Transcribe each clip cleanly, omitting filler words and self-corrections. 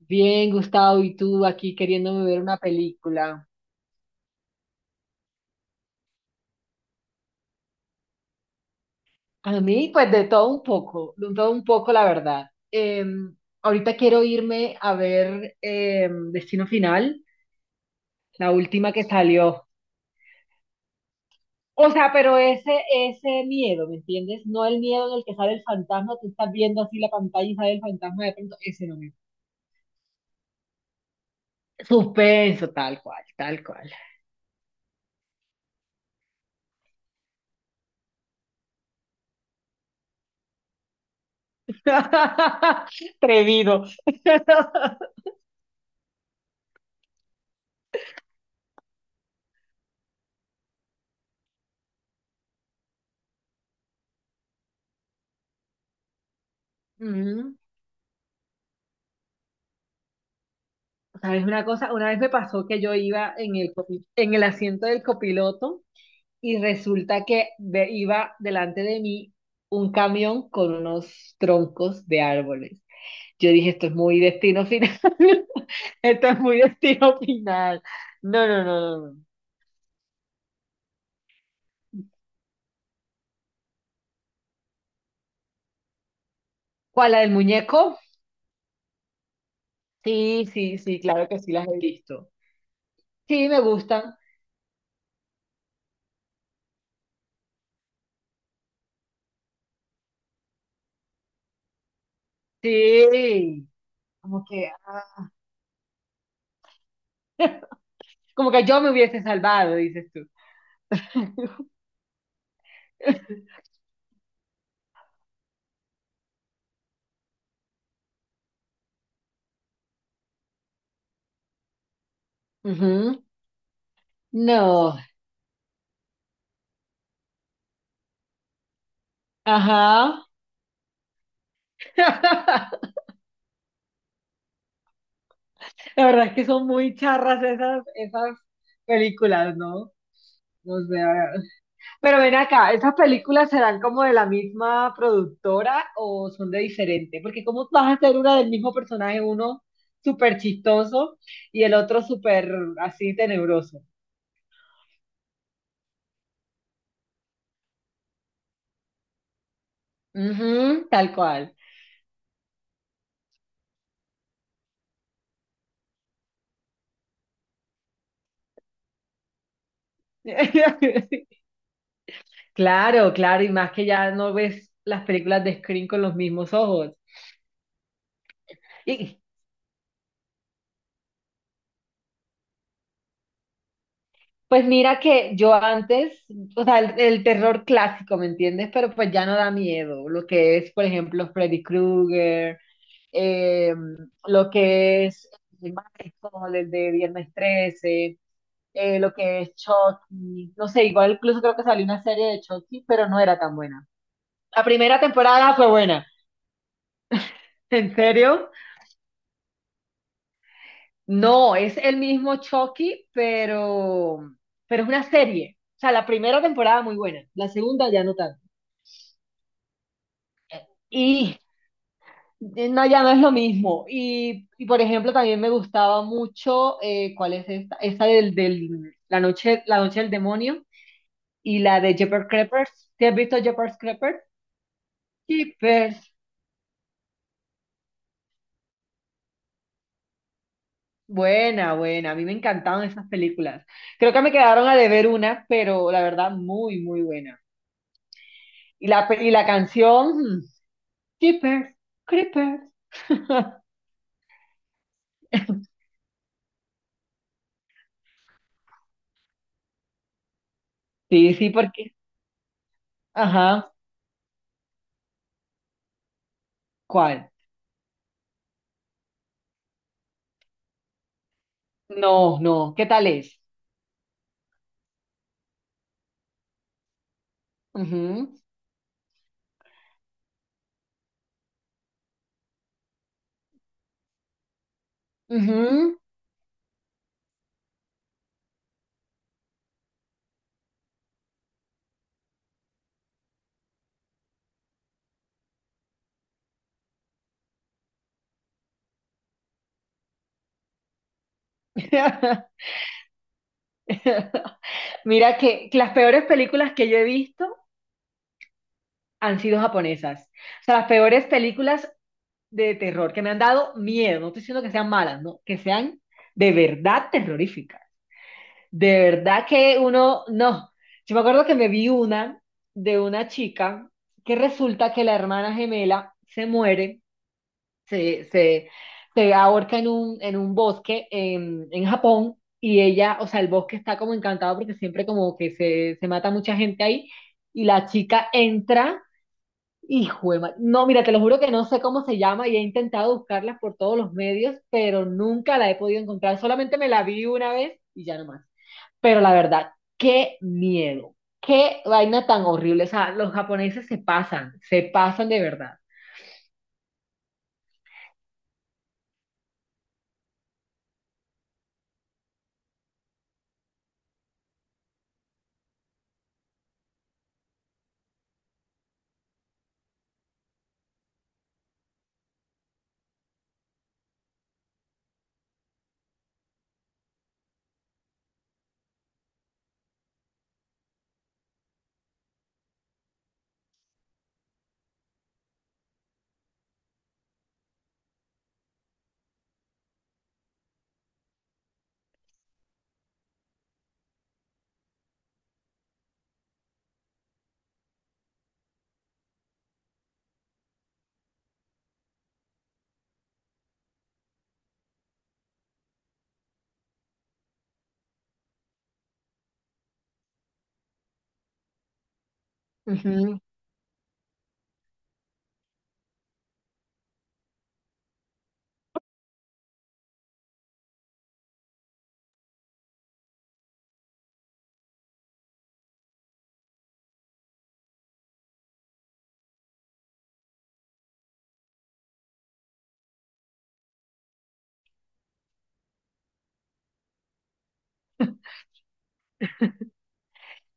Bien, Gustavo, y tú aquí queriéndome ver una película. A mí, pues de todo un poco, de todo un poco, la verdad. Ahorita quiero irme a ver Destino Final, la última que salió. O sea, pero ese miedo, ¿me entiendes? No el miedo en el que sale el fantasma, tú estás viendo así la pantalla y sale el fantasma de pronto, ese no me... Suspenso, tal cual, tal cual. Atrevido. Ujú. ¿Sabes una cosa? Una vez me pasó que yo iba en en el asiento del copiloto y resulta que iba delante de mí un camión con unos troncos de árboles. Yo dije, esto es muy destino final. Esto es muy destino final. No, no, no, no, no. ¿Cuál, la del muñeco? Sí, sí, sí, claro que sí las he visto. Sí, me gustan. Sí. Como que, ah, como que yo me hubiese salvado, dices tú. Ujú. No. Ajá. La verdad es que son muy charras esas películas, ¿no? No sé, a ver. Pero ven acá, ¿esas películas serán como de la misma productora o son de diferente? Porque ¿cómo vas a hacer una del mismo personaje, uno súper chistoso y el otro súper así tenebroso? Ujú, tal cual. Claro, claro, y más que ya no ves las películas de Scream con los mismos ojos. y Pues mira que yo antes, o sea, el terror clásico, ¿me entiendes? Pero pues ya no da miedo. Lo que es, por ejemplo, Freddy Krueger, eh, lo que es el Michael, el de Viernes 13, lo que es Chucky. No sé, igual incluso creo que salió una serie de Chucky, pero no era tan buena. La primera temporada fue buena. ¿En serio? No, es el mismo Chucky, pero es una serie. O sea, la primera temporada muy buena, la segunda ya no tanto. Y no, ya no es lo mismo. Por ejemplo, también me gustaba mucho, ¿cuál es esta? Esta la noche del demonio y la de Jeepers Creepers. ¿Te has visto Jeepers Creepers? Jeepers. Buena, buena. A mí me encantaban esas películas. Creo que me quedaron a deber una, pero la verdad, muy, muy buena. Y la, y la canción, Jeepers Creepers. Sí, sí, porque. Ajá. ¿Cuál? No, no. ¿Qué tal es? Ujú, ujú. Mira que las peores películas que yo he visto han sido japonesas. O sea, las peores películas de terror que me han dado miedo. No estoy diciendo que sean malas, no, que sean de verdad terroríficas. De verdad que uno, no. Yo me acuerdo que me vi una de una chica que resulta que la hermana gemela se muere se, se, se ahorca en un bosque en Japón y ella, o sea, el bosque está como encantado porque siempre como que se mata mucha gente ahí y la chica entra. Hijo de ma- No, mira, te lo juro que no sé cómo se llama y he intentado buscarla por todos los medios, pero nunca la he podido encontrar. Solamente me la vi una vez y ya no más. Pero la verdad, qué miedo, qué vaina tan horrible. O sea, los japoneses se pasan de verdad.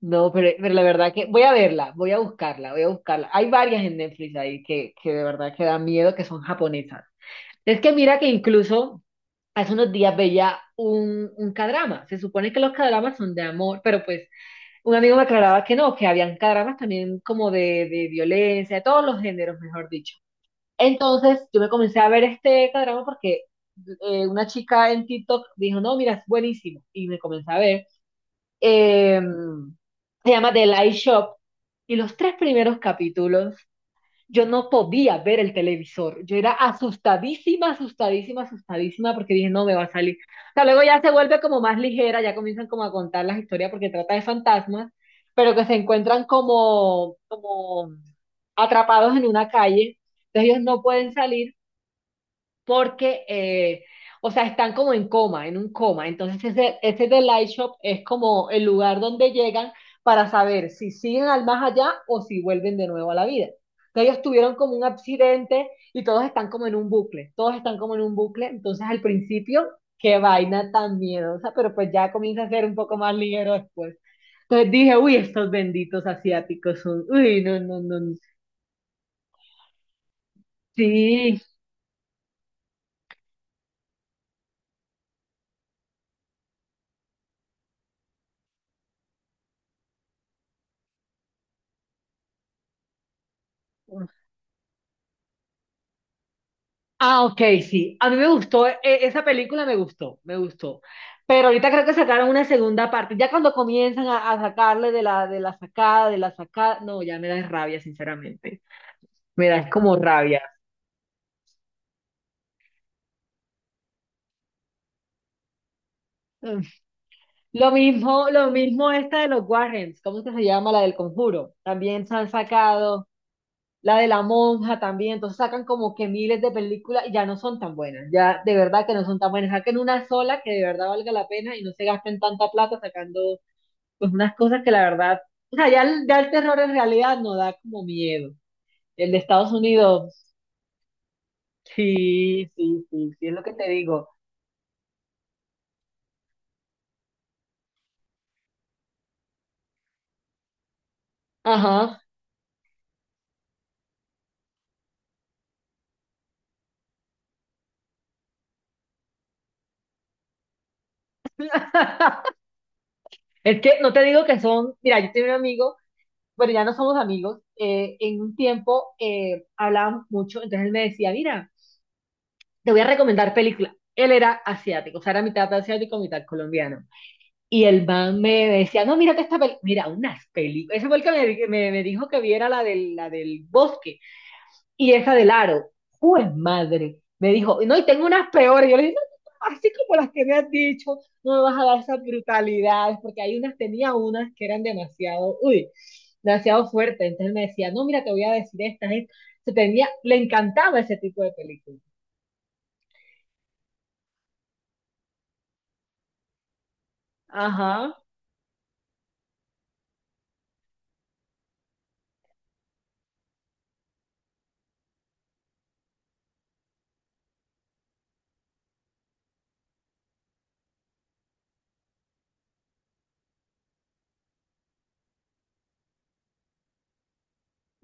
No, pero la verdad que voy a verla, voy a buscarla, voy a buscarla. Hay varias en Netflix ahí que de verdad que dan miedo, que son japonesas. Es que mira que incluso hace unos días veía un kdrama. Se supone que los kdramas son de amor, pero pues un amigo me aclaraba que no, que habían kdramas también como de violencia, de todos los géneros, mejor dicho. Entonces yo me comencé a ver este kdrama porque una chica en TikTok dijo, no, mira, es buenísimo. Y me comencé a ver eh, se llama The Light Shop. Y los tres primeros capítulos, yo no podía ver el televisor. Yo era asustadísima, asustadísima, asustadísima, porque dije, no me va a salir. O sea, luego ya se vuelve como más ligera, ya comienzan como a contar las historias porque trata de fantasmas, pero que se encuentran como, como atrapados en una calle. Entonces ellos no pueden salir porque, o sea, están como en coma, en un coma. Entonces, ese The Light Shop es como el lugar donde llegan para saber si siguen al más allá o si vuelven de nuevo a la vida. Entonces, ellos tuvieron como un accidente y todos están como en un bucle, todos están como en un bucle. Entonces, al principio, qué vaina tan miedosa, pero pues ya comienza a ser un poco más ligero después. Entonces dije, uy, estos benditos asiáticos son, uy, no, no, no, no. sí, Ah, ok, sí. A mí me gustó, esa película me gustó, me gustó. Pero ahorita creo que sacaron una segunda parte. Ya cuando comienzan a sacarle de de la sacada, no, ya me da rabia, sinceramente. Me da es como rabia. Mm. Lo mismo esta de los Warrens, ¿cómo es que se llama? La del Conjuro. También se han sacado, la de la monja también. Entonces sacan como que miles de películas y ya no son tan buenas. Ya de verdad que no son tan buenas. Saquen una sola que de verdad valga la pena y no se gasten tanta plata sacando pues unas cosas que la verdad, o sea, ya el terror en realidad no da como miedo. El de Estados Unidos, sí, sí, sí, sí, es lo que te digo. Ajá. Es que no te digo que son, mira, yo tenía un amigo, bueno, ya no somos amigos, en un tiempo hablábamos mucho, entonces él me decía, mira, te voy a recomendar películas. Él era asiático, o sea, era mitad asiático, mitad colombiano. Y el man me decía, no, mírate esta película, mira, unas películas. Ese fue el que me dijo que viera la del bosque. Esa del aro, pues madre, me dijo, no, y tengo unas peores, yo le dije, no, no, no, así como las que me has dicho, no me vas a dar esas brutalidades, porque hay unas, tenía unas que eran demasiado, uy, demasiado fuertes, entonces me decía, no, mira, te voy a decir estas, estas. Se tenía, le encantaba ese tipo de películas. Ajá.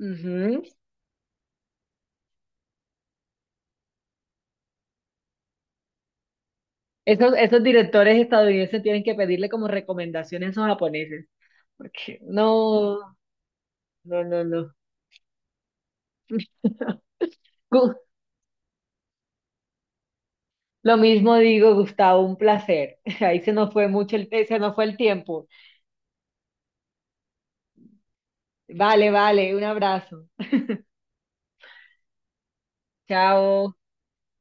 Ujú. Esos, esos directores estadounidenses tienen que pedirle como recomendaciones a esos japoneses, porque no, no, no, no. Lo mismo digo, Gustavo, un placer. Ahí se nos fue mucho el, se nos fue el tiempo. Vale, vale, un abrazo. Chao.